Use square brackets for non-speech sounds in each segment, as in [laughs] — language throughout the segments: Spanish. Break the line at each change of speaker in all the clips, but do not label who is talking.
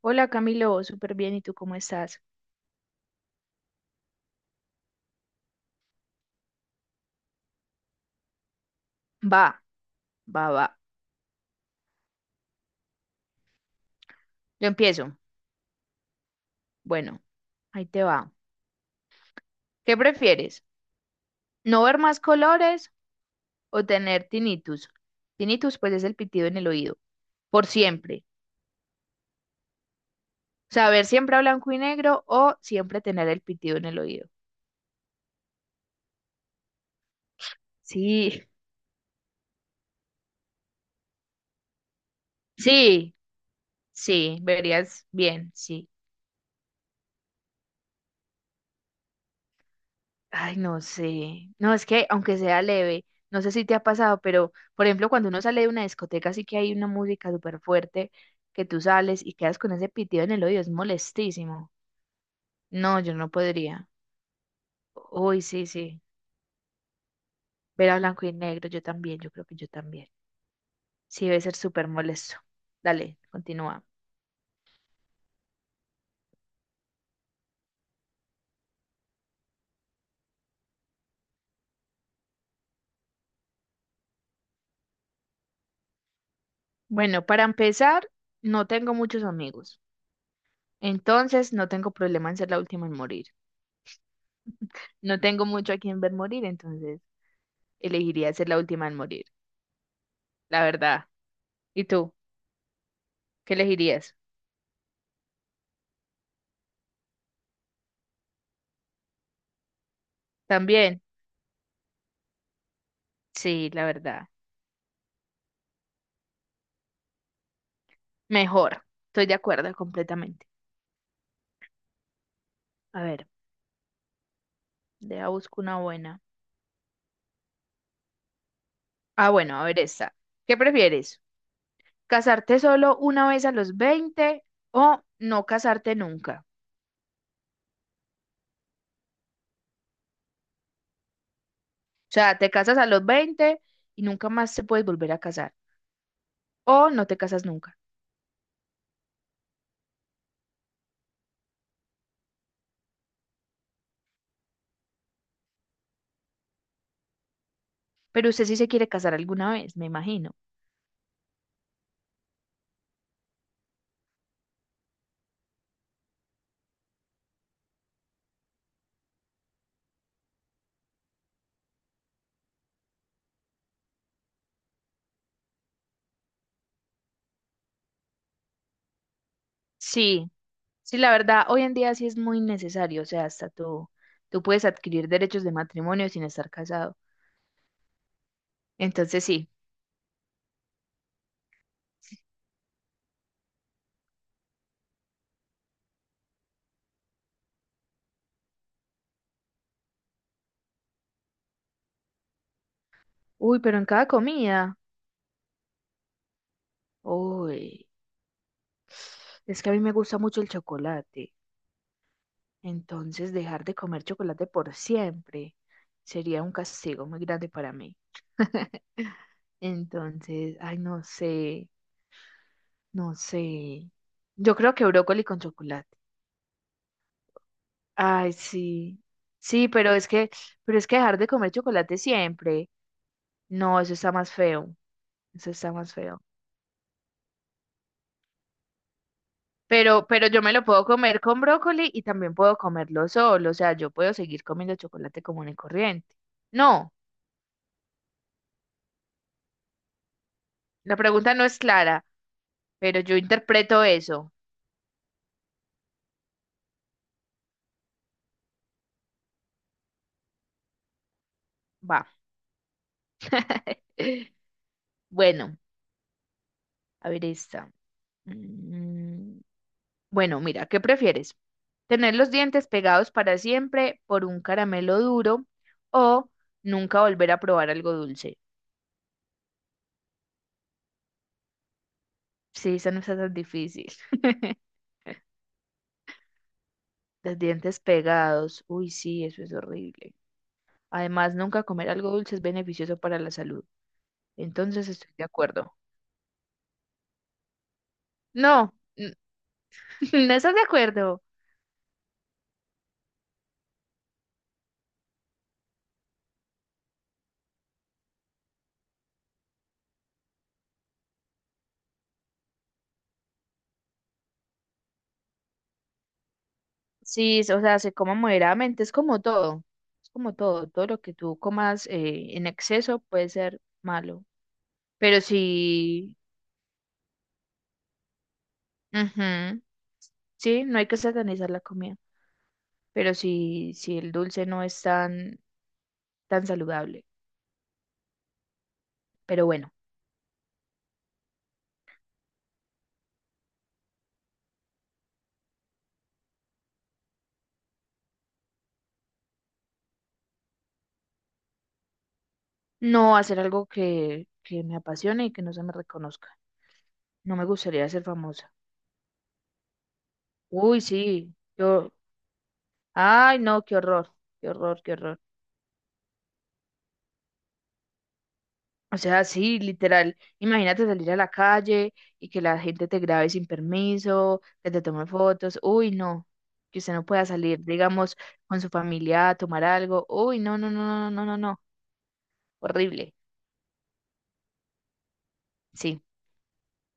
Hola Camilo, súper bien, ¿y tú cómo estás? Va, va, va. Yo empiezo. Bueno, ahí te va. ¿Qué prefieres? ¿No ver más colores o tener tinnitus? Tinnitus, pues es el pitido en el oído, por siempre. O sea, ver siempre a blanco y negro o siempre tener el pitido en el oído. Sí, [laughs] sí, sí, verías bien, sí. Ay, no sé. No, es que aunque sea leve, no sé si te ha pasado, pero por ejemplo, cuando uno sale de una discoteca, sí que hay una música súper fuerte que tú sales y quedas con ese pitido en el oído, es molestísimo. No, yo no podría. Uy, sí, sí. Ver a blanco y negro, yo también, yo creo que yo también. Sí, debe ser súper molesto. Dale, continúa. Bueno, para empezar, no tengo muchos amigos. Entonces, no tengo problema en ser la última en morir. No tengo mucho a quien ver morir, entonces elegiría ser la última en morir, la verdad. ¿Y tú? ¿Qué elegirías? ¿También? Sí, la verdad. Mejor. Estoy de acuerdo completamente. A ver, deja busco una buena. Ah, bueno, a ver esta. ¿Qué prefieres? ¿Casarte solo una vez a los 20 o no casarte nunca? O sea, te casas a los 20 y nunca más se puedes volver a casar. O no te casas nunca. Pero usted sí se quiere casar alguna vez, me imagino. Sí, sí, la verdad, hoy en día sí es muy necesario, o sea, hasta tú, tú puedes adquirir derechos de matrimonio sin estar casado. Entonces sí. Uy, pero en cada comida. Uy, es que a mí me gusta mucho el chocolate. Entonces dejar de comer chocolate por siempre sería un castigo muy grande para mí. [laughs] Entonces, ay, no sé, no sé. Yo creo que brócoli con chocolate. Ay, sí. Sí, pero es que dejar de comer chocolate siempre. No, eso está más feo. Eso está más feo. Pero yo me lo puedo comer con brócoli y también puedo comerlo solo. O sea, yo puedo seguir comiendo chocolate común y corriente. No, la pregunta no es clara, pero yo interpreto eso. Va. [laughs] Bueno, a ver esta. Mm, Bueno, mira, ¿qué prefieres? ¿Tener los dientes pegados para siempre por un caramelo duro o nunca volver a probar algo dulce? Sí, esa no está tan difícil. [laughs] Los dientes pegados. Uy, sí, eso es horrible. Además, nunca comer algo dulce es beneficioso para la salud. Entonces estoy de acuerdo. No. [laughs] No estás de acuerdo. O sea, se coma moderadamente, es como todo. Es como todo. Todo lo que tú comas en exceso puede ser malo. Pero sí, ujú, sí, no hay que, satanizar la comida. Pero sí, sí, el dulce no es tan, tan saludable. Pero bueno, no hacer algo que me apasione y que no se me reconozca. No me gustaría ser famosa. Uy, sí. Yo. Ay, no, qué horror. Qué horror, qué horror. O sea, sí, literal. Imagínate salir a la calle y que la gente te grabe sin permiso, que te tome fotos. Uy, no. Que usted no pueda salir, digamos, con su familia a tomar algo. Uy, no, no, no, no, no, no, no. Horrible. Sí.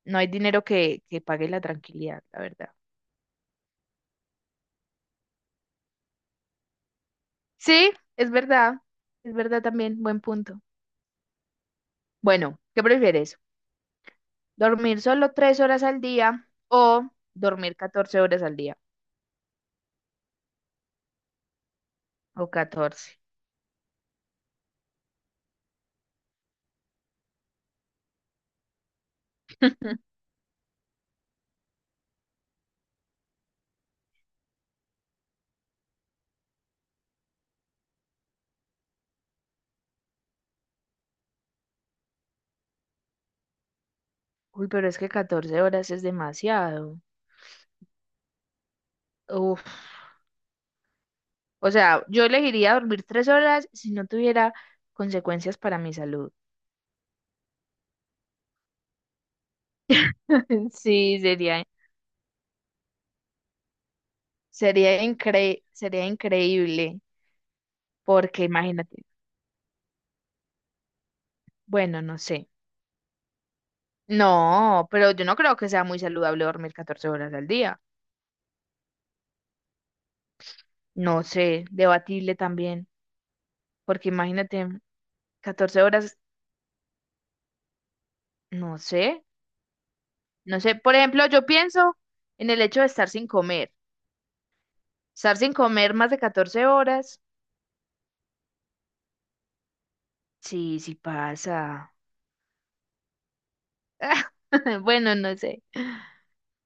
No hay dinero que pague la tranquilidad, la verdad. Sí, es verdad. Es verdad también. Buen punto. Bueno, ¿qué prefieres? Dormir solo 3 horas al día o dormir 14 horas al día o 14. [laughs] Uy, pero es que 14 horas es demasiado. Uf. O sea, yo elegiría dormir 3 horas si no tuviera consecuencias para mi salud. [laughs] Sí, sería. Sería increíble, porque imagínate, bueno, no sé. No, pero yo no creo que sea muy saludable dormir 14 horas al día. No sé, debatible también, porque imagínate, 14 horas, no sé. No sé, por ejemplo, yo pienso en el hecho de estar sin comer. Estar sin comer más de 14 horas. Sí, sí pasa. [laughs] Bueno, no sé.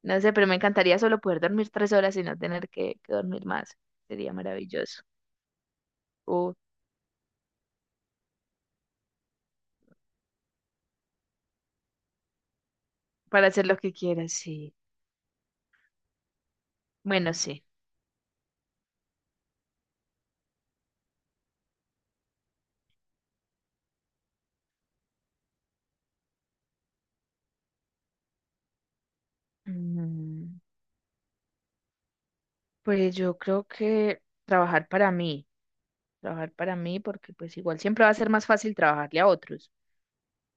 No sé, pero me encantaría solo poder dormir 3 horas y no tener que dormir más. Sería maravilloso. O para hacer lo que quieras, sí. Bueno, sí. Mm, Pues yo creo que trabajar para mí. Trabajar para mí porque pues igual siempre va a ser más fácil trabajarle a otros.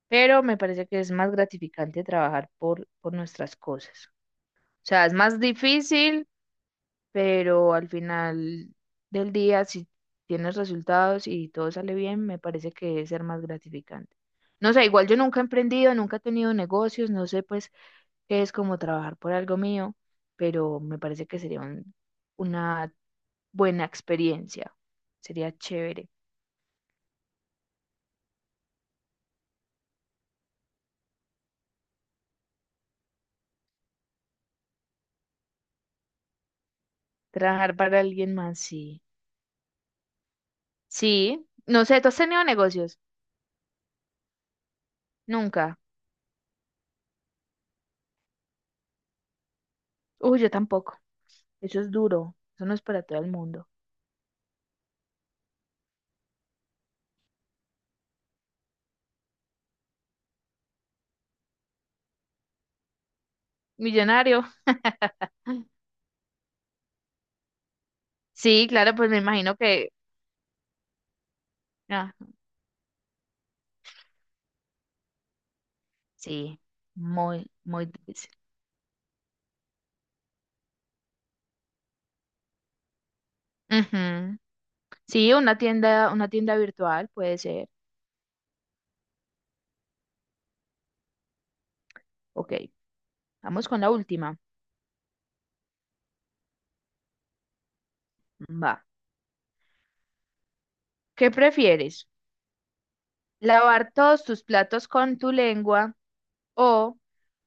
Pero me parece que es más gratificante trabajar por nuestras cosas. O sea, es más difícil, pero al final del día, si tienes resultados y todo sale bien, me parece que debe ser más gratificante. No sé, igual yo nunca he emprendido, nunca he tenido negocios, no sé pues qué es como trabajar por algo mío, pero me parece que una buena experiencia. Sería chévere. Trabajar para alguien más, sí. Sí, no sé, ¿tú has tenido negocios? Nunca. Uy, yo tampoco. Eso es duro. Eso no es para todo el mundo. Millonario. Sí, claro, pues me imagino que, ah, sí, muy, muy difícil. Ujú. Sí, una tienda virtual puede ser. Ok, vamos con la última. Va. ¿Qué prefieres? ¿Lavar todos tus platos con tu lengua o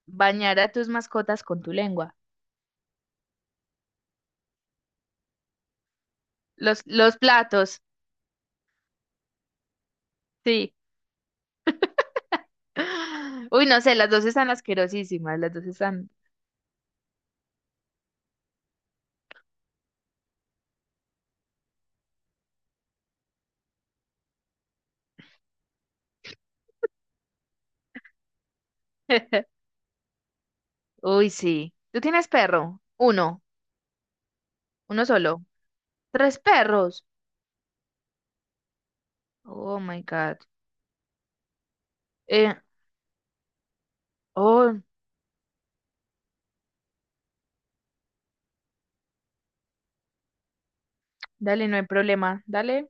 bañar a tus mascotas con tu lengua? Los platos, sí. [gasps] [laughs] Uy, no sé, las dos están asquerosísimas, las dos están. [laughs] Uy, sí. ¿Tú tienes perro? Uno, uno solo. Tres perros. Oh my God. Eh, oh, dale, no hay problema. Dale.